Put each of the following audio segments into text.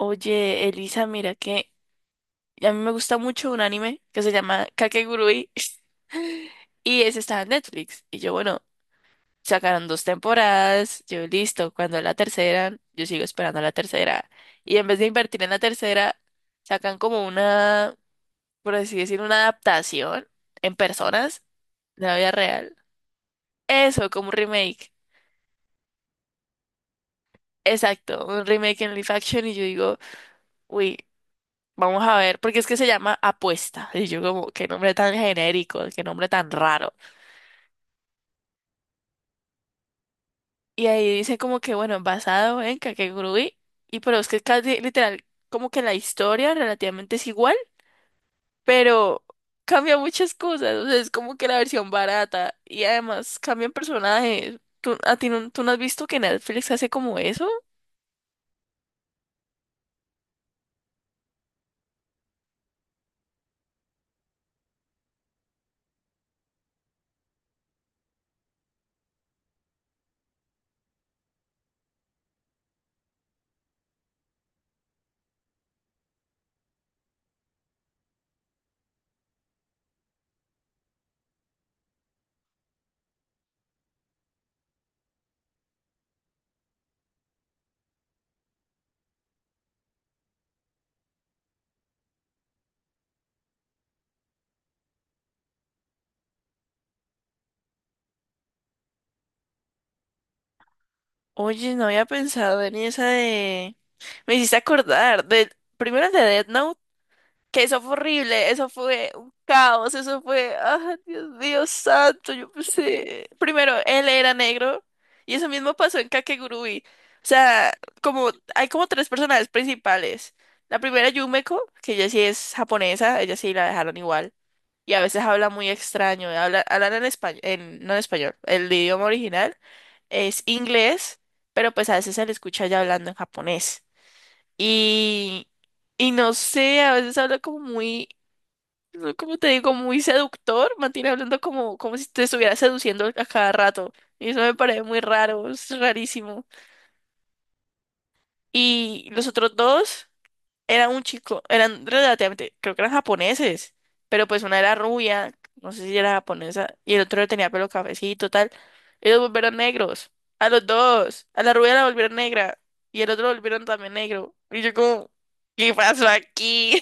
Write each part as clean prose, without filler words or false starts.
Oye, Elisa, mira que a mí me gusta mucho un anime que se llama Kakegurui y ese está en Netflix. Y yo, bueno, sacaron dos temporadas, yo listo, cuando la tercera, yo sigo esperando la tercera. Y en vez de invertir en la tercera, sacan como una, por así decir, una adaptación en personas de la vida real. Eso, como un remake. Exacto, un remake en live action y yo digo, uy. Vamos a ver, porque es que se llama Apuesta. Y yo como, qué nombre tan genérico, qué nombre tan raro. Y ahí dice como que, bueno, basado en Kakegurui, pero es que casi literal, como que la historia relativamente es igual, pero cambia muchas cosas, o sea, es como que la versión barata y además cambian personajes. ¿Tú, a ti no, tú no has visto que Netflix hace como eso? Oye, no había pensado en esa de. Me hiciste acordar de. Primero el de Death Note, que eso fue horrible, eso fue un caos, ah, Dios mío santo. Yo pensé, primero, él era negro, y eso mismo pasó en Kakegurui. O sea, como, hay como tres personajes principales, la primera Yumeko, que ella sí es japonesa, ella sí la dejaron igual, y a veces habla muy extraño, hablan en español, no en español. El idioma original es inglés, pero pues a veces se le escucha ya hablando en japonés, y... Y no sé, a veces habla como muy no, como te digo, muy seductor, mantiene hablando como si te estuviera seduciendo a cada rato. Y eso me parece muy raro, es rarísimo. Y los otros dos eran un chico, eran relativamente, creo que eran japoneses, pero pues una era rubia, no sé si era japonesa, y el otro tenía pelo cafecito, tal. Y los volvieron negros, a los dos, a la rubia la volvieron negra, y el otro lo volvieron también negro. Y yo como, ¿qué pasó aquí?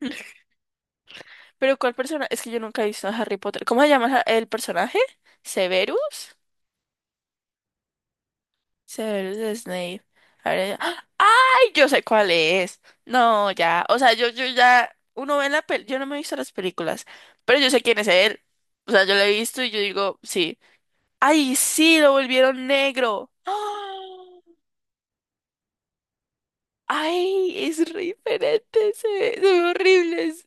Pero ¿cuál persona? Es que yo nunca he visto a Harry Potter. ¿Cómo se llama el personaje? ¿Severus? Severus Snape. A ver, ¡ah! ¡Ay! Yo sé cuál es. No, ya. O sea, yo ya. Uno ve la pel... Yo no me he visto las películas. Pero yo sé quién es él. O sea, yo lo he visto y yo digo, sí. ¡Ay, sí! Lo volvieron negro. ¡Ah! ¡Ay! Es re diferente. Se ve horrible.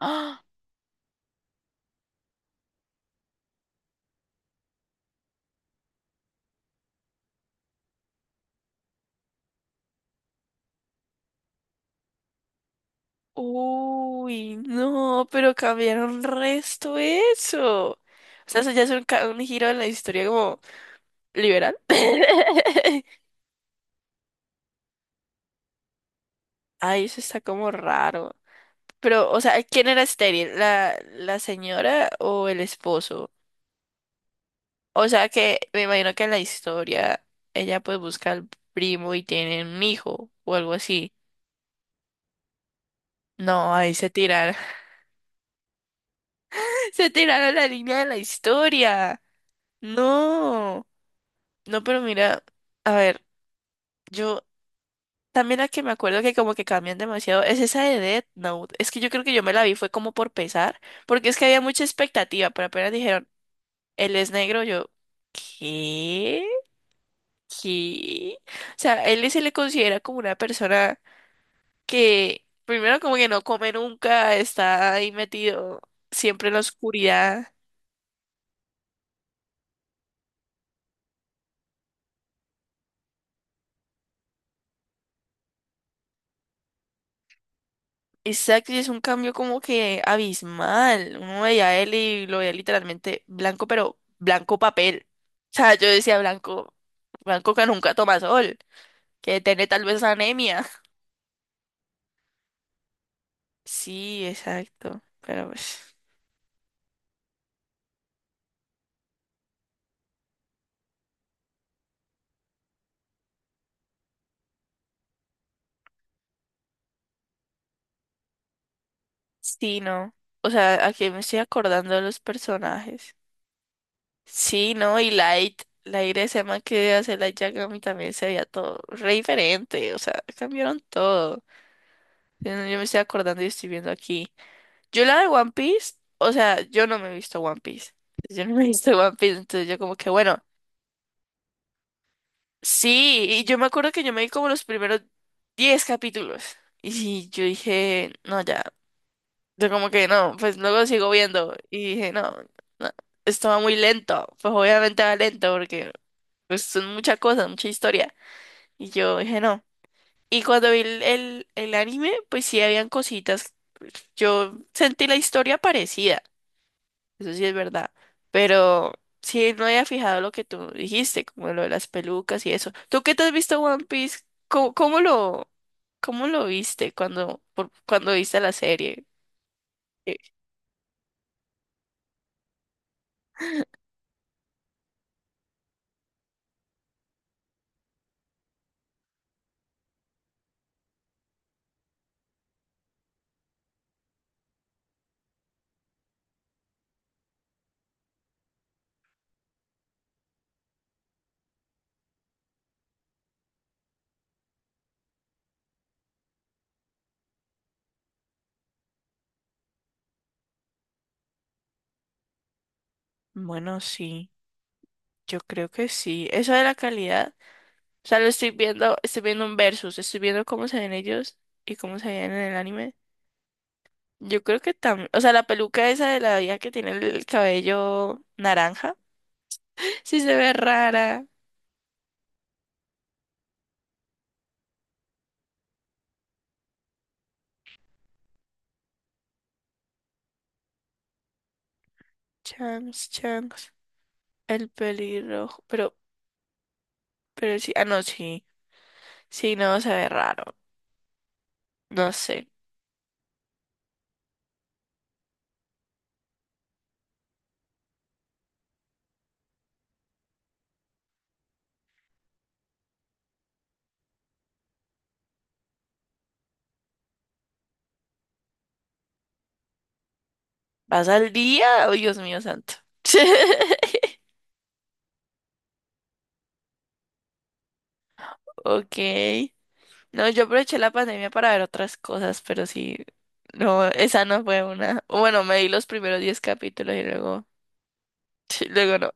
No. Uy, no, pero cambiaron resto eso. O sea, eso ya es un giro en la historia como liberal. Ay, eso está como raro. Pero, o sea, ¿quién era estéril? ¿La señora o el esposo? O sea, que me imagino que en la historia ella pues busca al primo y tienen un hijo o algo así. No, ahí se tiraron. Se tiraron la línea de la historia. No. No, pero mira, a ver. Yo también la que me acuerdo que como que cambian demasiado es esa de Death Note. Es que yo creo que yo me la vi fue como por pesar, porque es que había mucha expectativa, pero apenas dijeron, él es negro, yo, ¿qué? ¿Qué? O sea, él se le considera como una persona que primero como que no come nunca, está ahí metido siempre en la oscuridad. Exacto, y es un cambio como que abismal. Uno veía a él y lo veía literalmente blanco, pero blanco papel. O sea, yo decía blanco, blanco que nunca toma sol, que tiene tal vez anemia. Sí, exacto, pero pues, sí, no. O sea, aquí me estoy acordando de los personajes. Sí, no, y Light ese man que hace Light Yagami también se veía todo re diferente. O sea, cambiaron todo. Yo me estoy acordando y estoy viendo aquí. Yo la de One Piece, o sea, yo no me he visto One Piece. Yo no me he visto One Piece, entonces yo como que, bueno, sí, y yo me acuerdo que yo me vi como los primeros 10 capítulos. Y sí, yo dije, no, ya, yo como que no, pues luego sigo viendo. Y dije, no, no, esto va muy lento, pues obviamente va lento porque pues, son muchas cosas, mucha historia. Y yo dije, no. Y cuando vi el anime, pues sí habían cositas, yo sentí la historia parecida. Eso sí es verdad. Pero sí no había fijado lo que tú dijiste, como lo de las pelucas y eso. ¿Tú qué te has visto One Piece? ¿Cómo, cómo lo, cómo lo viste cuando viste la serie? Eh, Bueno, sí, yo creo que sí. Eso de la calidad. O sea, lo estoy viendo un versus, estoy viendo cómo se ven ellos y cómo se ven en el anime. Yo creo que también, o sea, la peluca esa de la vieja que tiene el cabello naranja, sí se ve rara. Chunks. El pelirrojo. Pero sí. Ah, no, sí. Sí, no, se ve raro. No sé. ¿Vas al día? Oh, Dios mío santo. Ok. No, yo aproveché la pandemia para ver otras cosas, pero sí. No, esa no fue una. O Bueno, me di los primeros 10 capítulos y luego. Luego no.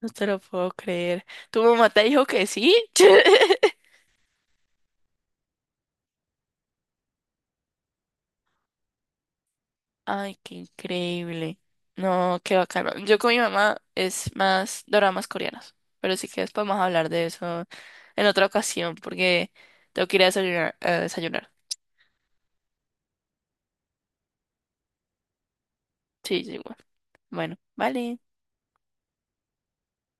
No te lo puedo creer. ¿Tu mamá te dijo que sí? Ay, qué increíble. No, qué bacano. Yo con mi mamá es más doramas coreanos, pero sí que después vamos a hablar de eso en otra ocasión porque tengo que ir a desayunar. Sí, sí, bueno. Bueno, vale.